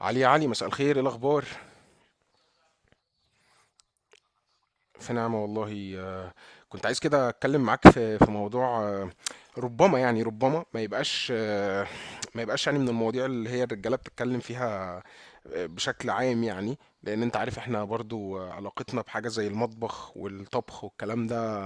علي يا علي، مساء الخير. ايه الاخبار؟ في نعمه والله. كنت عايز كده اتكلم معاك في موضوع. ربما يعني ربما ما يبقاش. يعني من المواضيع اللي هي الرجاله بتتكلم فيها. بشكل عام، يعني لان انت عارف احنا برضو، علاقتنا بحاجه زي المطبخ والطبخ والكلام ده.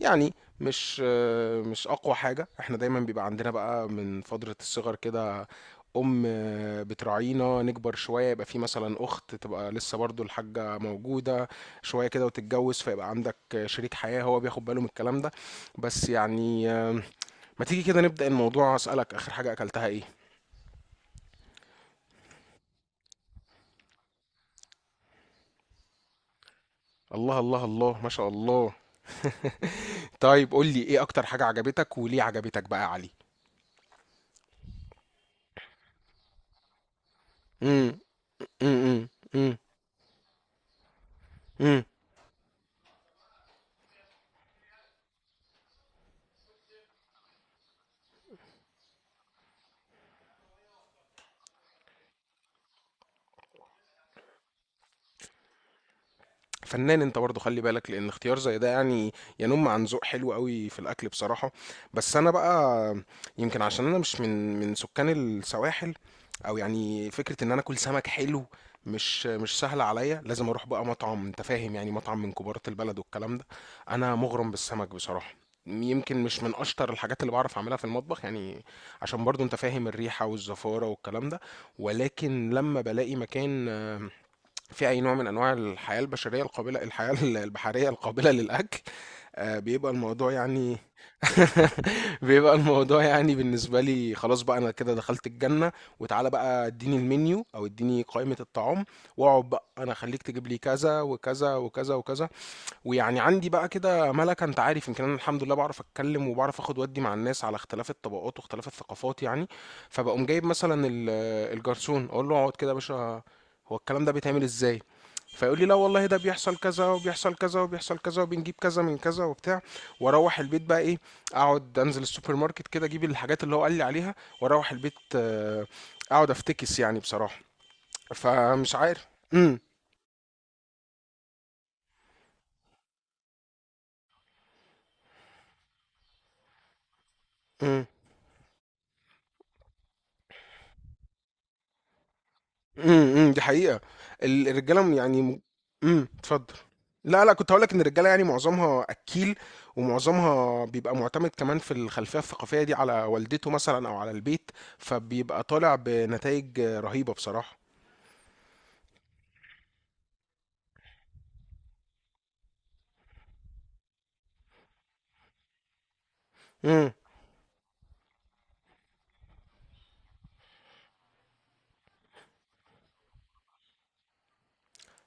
يعني مش مش اقوى حاجه احنا دايما بيبقى عندنا، بقى من فتره الصغر كده. ام بتراعينا نكبر شويه يبقى في مثلا اخت تبقى لسه برضو الحاجه موجوده شويه كده، وتتجوز فيبقى عندك شريك حياه هو بياخد باله من الكلام ده. بس يعني ما تيجي كده نبدا الموضوع، اسالك اخر حاجه اكلتها ايه؟ الله الله الله، ما شاء الله. طيب قول لي، ايه اكتر حاجه عجبتك وليه عجبتك بقى يا علي؟ امم، امم، امم. فنان انت برضه، خلي بالك لان اختيار زي ده يعني ينم عن ذوق حلو قوي في الاكل بصراحه. بس انا بقى، يمكن عشان انا مش من سكان السواحل، او يعني فكره ان انا اكل سمك حلو مش سهله عليا. لازم اروح بقى مطعم، انت فاهم يعني مطعم من كبارة البلد والكلام ده. انا مغرم بالسمك بصراحه، يمكن مش من اشطر الحاجات اللي بعرف اعملها في المطبخ يعني. عشان برضو انت فاهم الريحه والزفاره والكلام ده. ولكن لما بلاقي مكان في أي نوع من أنواع الحياة البشرية القابلة، الحياة البحرية القابلة للأكل، بيبقى الموضوع يعني. بيبقى الموضوع يعني بالنسبة لي، خلاص بقى أنا كده دخلت الجنة. وتعالى بقى اديني المنيو أو اديني قائمة الطعام، واقعد بقى أنا، خليك تجيب لي كذا وكذا وكذا وكذا. ويعني عندي بقى كده ملكة، انت عارف، يمكن انا الحمد لله بعرف اتكلم وبعرف اخد ودي مع الناس على اختلاف الطبقات واختلاف الثقافات يعني. فبقوم جايب مثلا الجرسون، اقول له اقعد كده يا باشا، هو الكلام ده بيتعمل ازاي؟ فيقول لي لا والله، ده بيحصل كذا وبيحصل كذا وبيحصل كذا، وبنجيب كذا من كذا وبتاع. واروح البيت بقى ايه، اقعد انزل السوبر ماركت كده اجيب الحاجات اللي هو قال لي عليها، واروح البيت اقعد افتكس يعني بصراحة. فمش عارف. امم، امم. إمم، إمم، دي حقيقة. الرجالة يعني. إمم، اتفضل. لا، لأ، كنت هاقول لك إن الرجالة يعني معظمها أكّيل، ومعظمها بيبقى مُعتمد كمان في الخلفية الثقافية دي على والدته مثلًا أو على البيت، فبيبقى طالع بنتايج رهيبة بصراحة. إمم،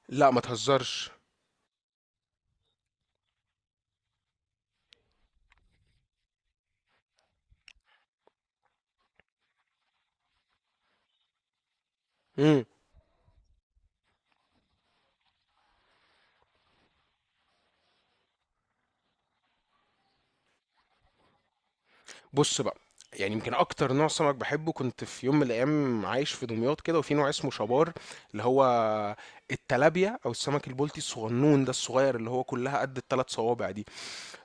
لأ ما تهزرش. إمم، بُص بقى، يعني يمكن أكتر نوع سمك باحبه. كنت في يوم من الأيام عايش في دمياط كده، وفي نوع اسمه شبار، اللي هو التلابيا أو السمك البلطي الصغنون ده الصغير، اللي هو كُلّها قد ال3 صوابع دي.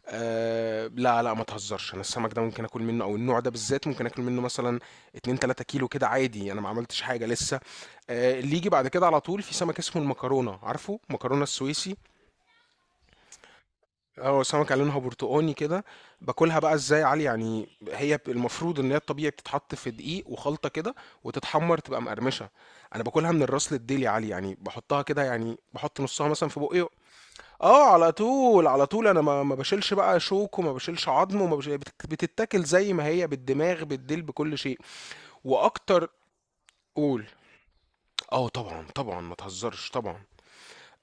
أه، لا لا ما تهزرش، انا السمك ده ممكن اكل منه او النوع ده بالذات ممكن اكل منه مثلا 2 3 كيلو كده عادي، انا ما عملتش حاجه لسه. أه اللي يجي بعد كده على طول في سمك اسمه المكرونه، عارفه مكرونه السويسي؟ هو سمكه لونها برتقاني كده. باكلها بقى ازاي يا علي؟ يعني هي المفروض ان هي الطبيعي بتتحط في دقيق وخلطه كده، وتتحمر تبقى مقرمشه. انا باكلها من الراس للديل يا علي، يعني بحطها كده، يعني بحط نصها مثلا في بقي. اه، على طول على طول، انا ما بشيلش بقى شوك وما بشيلش عظم وما بشيل بتتاكل زي ما هي، بالدماغ بالديل بكل شيء. واكتر. قول. اه طبعا طبعا ما تهزرش طبعا.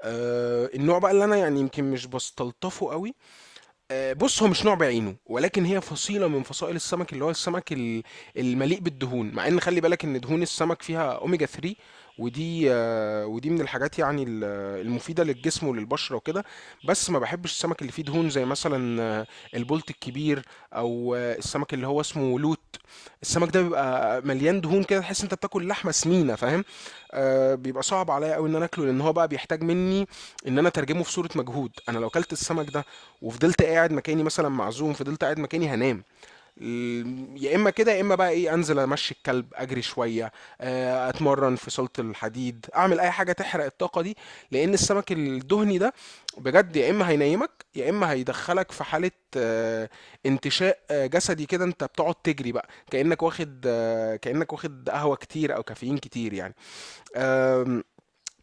النوع بقى اللي انا يعني يمكن مش بستلطفه قوي. بص، هو مش نوع بعينه، ولكن هي فصيلة من فصائل السمك اللي هو السمك المليء بالدهون. مع ان خلي بالك ان دهون السمك فيها اوميجا 3، ودي ودي من الحاجات يعني المفيدة للجسم وللبشرة وكده. بس ما بحبش السمك اللي فيه دهون زي مثلا البولت الكبير، او السمك اللي هو اسمه لوت. السمك ده بيبقى مليان دهون كده، تحس انت بتاكل لحمة سمينة، فاهم؟ بيبقى صعب عليا قوي ان انا اكله، لان هو بقى بيحتاج مني ان انا اترجمه في صورة مجهود. انا لو كلت السمك ده وفضلت قاعد مكاني مثلا، معزوم فضلت قاعد مكاني، هنام. يا اما كده، يا اما بقى ايه، انزل امشي الكلب، اجري شويه، اتمرن في صاله الحديد، اعمل اي حاجه تحرق الطاقه دي. لان السمك الدهني ده بجد، يا اما هينيمك، يا اما هيدخلك في حاله آه، انتشاء جسدي كده، انت بتقعد تجري بقى كانك واخد آه، كانك واخد قهوه كتير او كافيين كتير يعني. آم،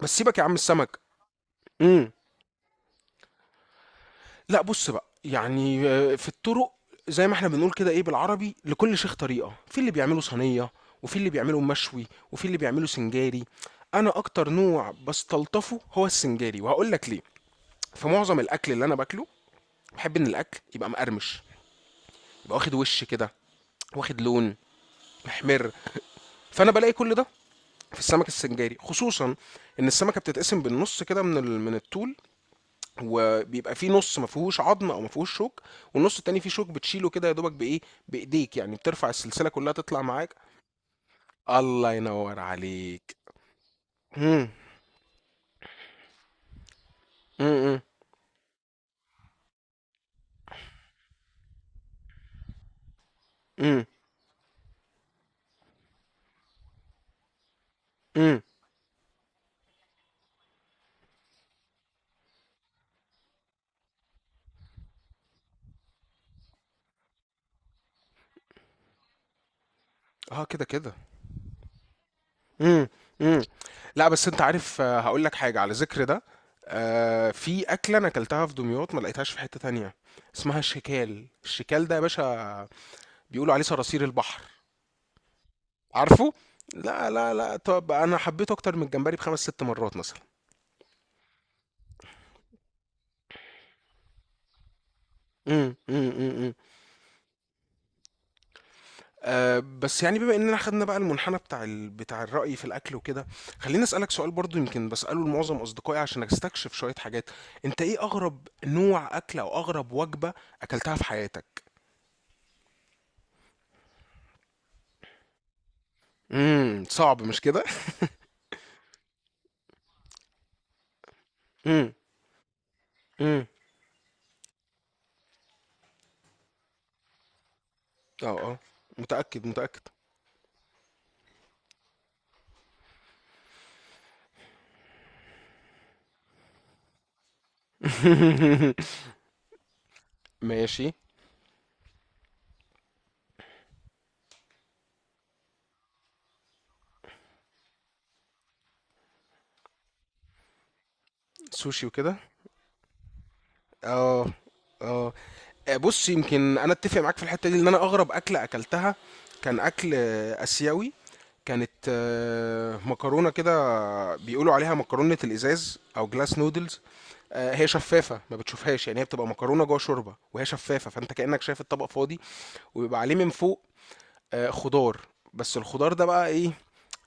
بس سيبك يا عم السمك. مم. لا بص بقى، يعني في الطرق زي ما احنا بنقول كده ايه بالعربي، لكل شيخ طريقة، في اللي بيعمله صينية، وفي اللي بيعمله مشوي، وفي اللي بيعمله سنجاري. انا اكتر نوع بستلطفه هو السنجاري، وهقول لك ليه. في معظم الاكل اللي انا باكله، بحب ان الاكل يبقى مقرمش، يبقى واخد وش كده، واخد لون محمر. فانا بلاقي كل ده في السمك السنجاري خصوصا ان السمكه بتتقسم بالنص كده من الطول، وبيبقى في نص ما فيهوش عظم او ما فيهوش شوك، والنص التاني فيه شوك بتشيله كده يا دوبك بايه، بايديك، يعني بترفع السلسله كلها تطلع معاك. الله ينور عليك. امم، امم، امم، امم. اه كده كده. امم، امم. لا بس انت عارف، هقول لك حاجه على ذكر ده. في اكله انا اكلتها في دمياط ما لقيتهاش في حته تانية، اسمها الشكال. الشكال ده يا باشا بيقولوا عليه صراصير البحر، عارفه؟ لا لا لا، طب انا حبيته اكتر من الجمبري بخمس ست مرات مثلا. امم، امم، امم، بس يعني بما اننا خدنا بقى المنحنى بتاع بتاع الرأي في الاكل وكده، خليني اسالك سؤال برضو يمكن بساله لمعظم اصدقائي عشان استكشف شوية حاجات. انت ايه اغرب نوع اكل او اغرب وجبة اكلتها في حياتك؟ امم، صعب مش كده؟ امم، امم. اه اه، متأكد متأكد. ماشي. سوشي وكده. اه اه. بص، يمكن انا اتفق معاك في الحته دي، لان انا اغرب اكله اكلتها كان اكل اسيوي. كانت مكرونه كده بيقولوا عليها مكرونه الازاز او جلاس نودلز. هي شفافه ما بتشوفهاش، يعني هي بتبقى مكرونه جوه شوربه وهي شفافه، فانت كانك شايف الطبق فاضي. وبيبقى عليه من فوق خضار. بس الخضار ده بقى ايه؟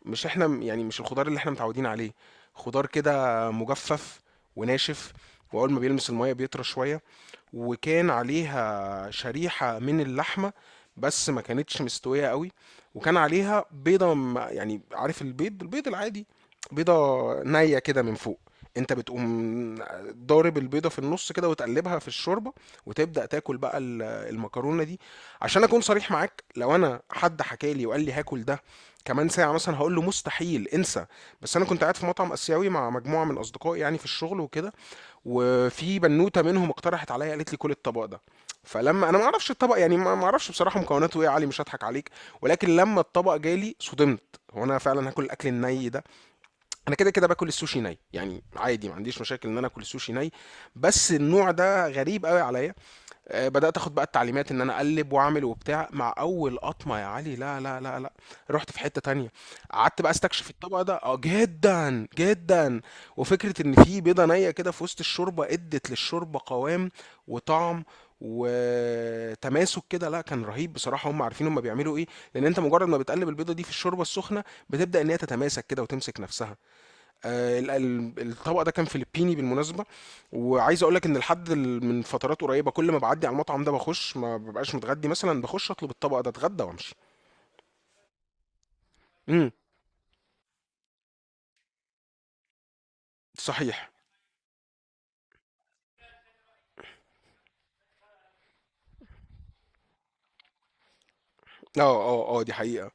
مش احنا، يعني مش الخضار اللي احنا متعودين عليه. خضار كده مجفف وناشف، واول ما بيلمس الميه بيطرى شويه. وكان عليها شريحة من اللحمة، بس ما كانتش مستوية قوي. وكان عليها بيضة يعني عارف البيض، البيض العادي، بيضة نية كده من فوق. انت بتقوم ضارب البيضة في النص كده، وتقلبها في الشوربة، وتبدأ تاكل بقى المكرونة دي. عشان اكون صريح معاك، لو انا حد حكالي وقال لي هاكل ده كمان ساعة مثلا، هقول له مستحيل، انسى. بس انا كنت قاعد في مطعم اسيوي مع مجموعة من اصدقائي يعني في الشغل وكده، وفي بنوته منهم اقترحت عليا، قالت لي كل الطبق ده. فلما انا ما اعرفش الطبق، يعني ما اعرفش بصراحه مكوناته ايه يا علي، مش هضحك عليك. ولكن لما الطبق جالي صدمت، هو انا فعلا هاكل الاكل الني ده؟ انا كده كده باكل السوشي ني يعني عادي، ما عنديش مشاكل ان انا اكل السوشي ني. بس النوع ده غريب قوي عليا. بدأت اخد بقى التعليمات ان انا اقلب واعمل وبتاع. مع اول قطمة يا علي، لا لا لا لا، رحت في حتة تانية، قعدت بقى استكشف الطبق ده، اه جدا جدا. وفكرة ان في بيضة نية كده في وسط الشوربة ادت للشوربة قوام وطعم وتماسك كده، لا كان رهيب بصراحة. هم عارفين هم بيعملوا ايه، لان انت مجرد ما بتقلب البيضة دي في الشوربة السخنة، بتبدأ ان هي تتماسك كده وتمسك نفسها. الطبق ده كان فلبيني بالمناسبه. وعايز اقول لك ان لحد من فترات قريبه، كل ما بعدي على المطعم ده، بخش ما ببقاش متغدي مثلا، بخش اطلب الطبق ده اتغدى وامشي. امم. صحيح. اه اه اه، دي حقيقه.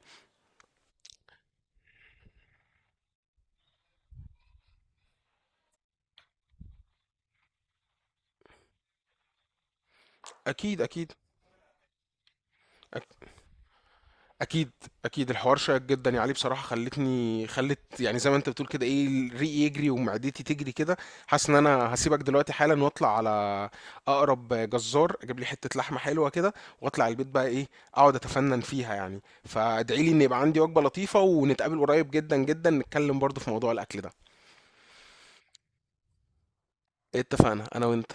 اكيد اكيد. اكيد اكيد. الحوار شيق جدا يعني، عليه بصراحه خلتني، خلت يعني زي ما انت بتقول كده ايه، ريقي يجري ومعدتي تجري كده. حاسس ان انا هسيبك دلوقتي حالا واطلع على اقرب جزار، اجيب لي حته لحمه حلوه كده، واطلع البيت بقى ايه، اقعد اتفنن فيها. يعني فادعي لي ان يبقى عندي وجبه لطيفه، ونتقابل قريب جدا جدا نتكلم برضو في موضوع الاكل ده. اتفقنا انا وانت.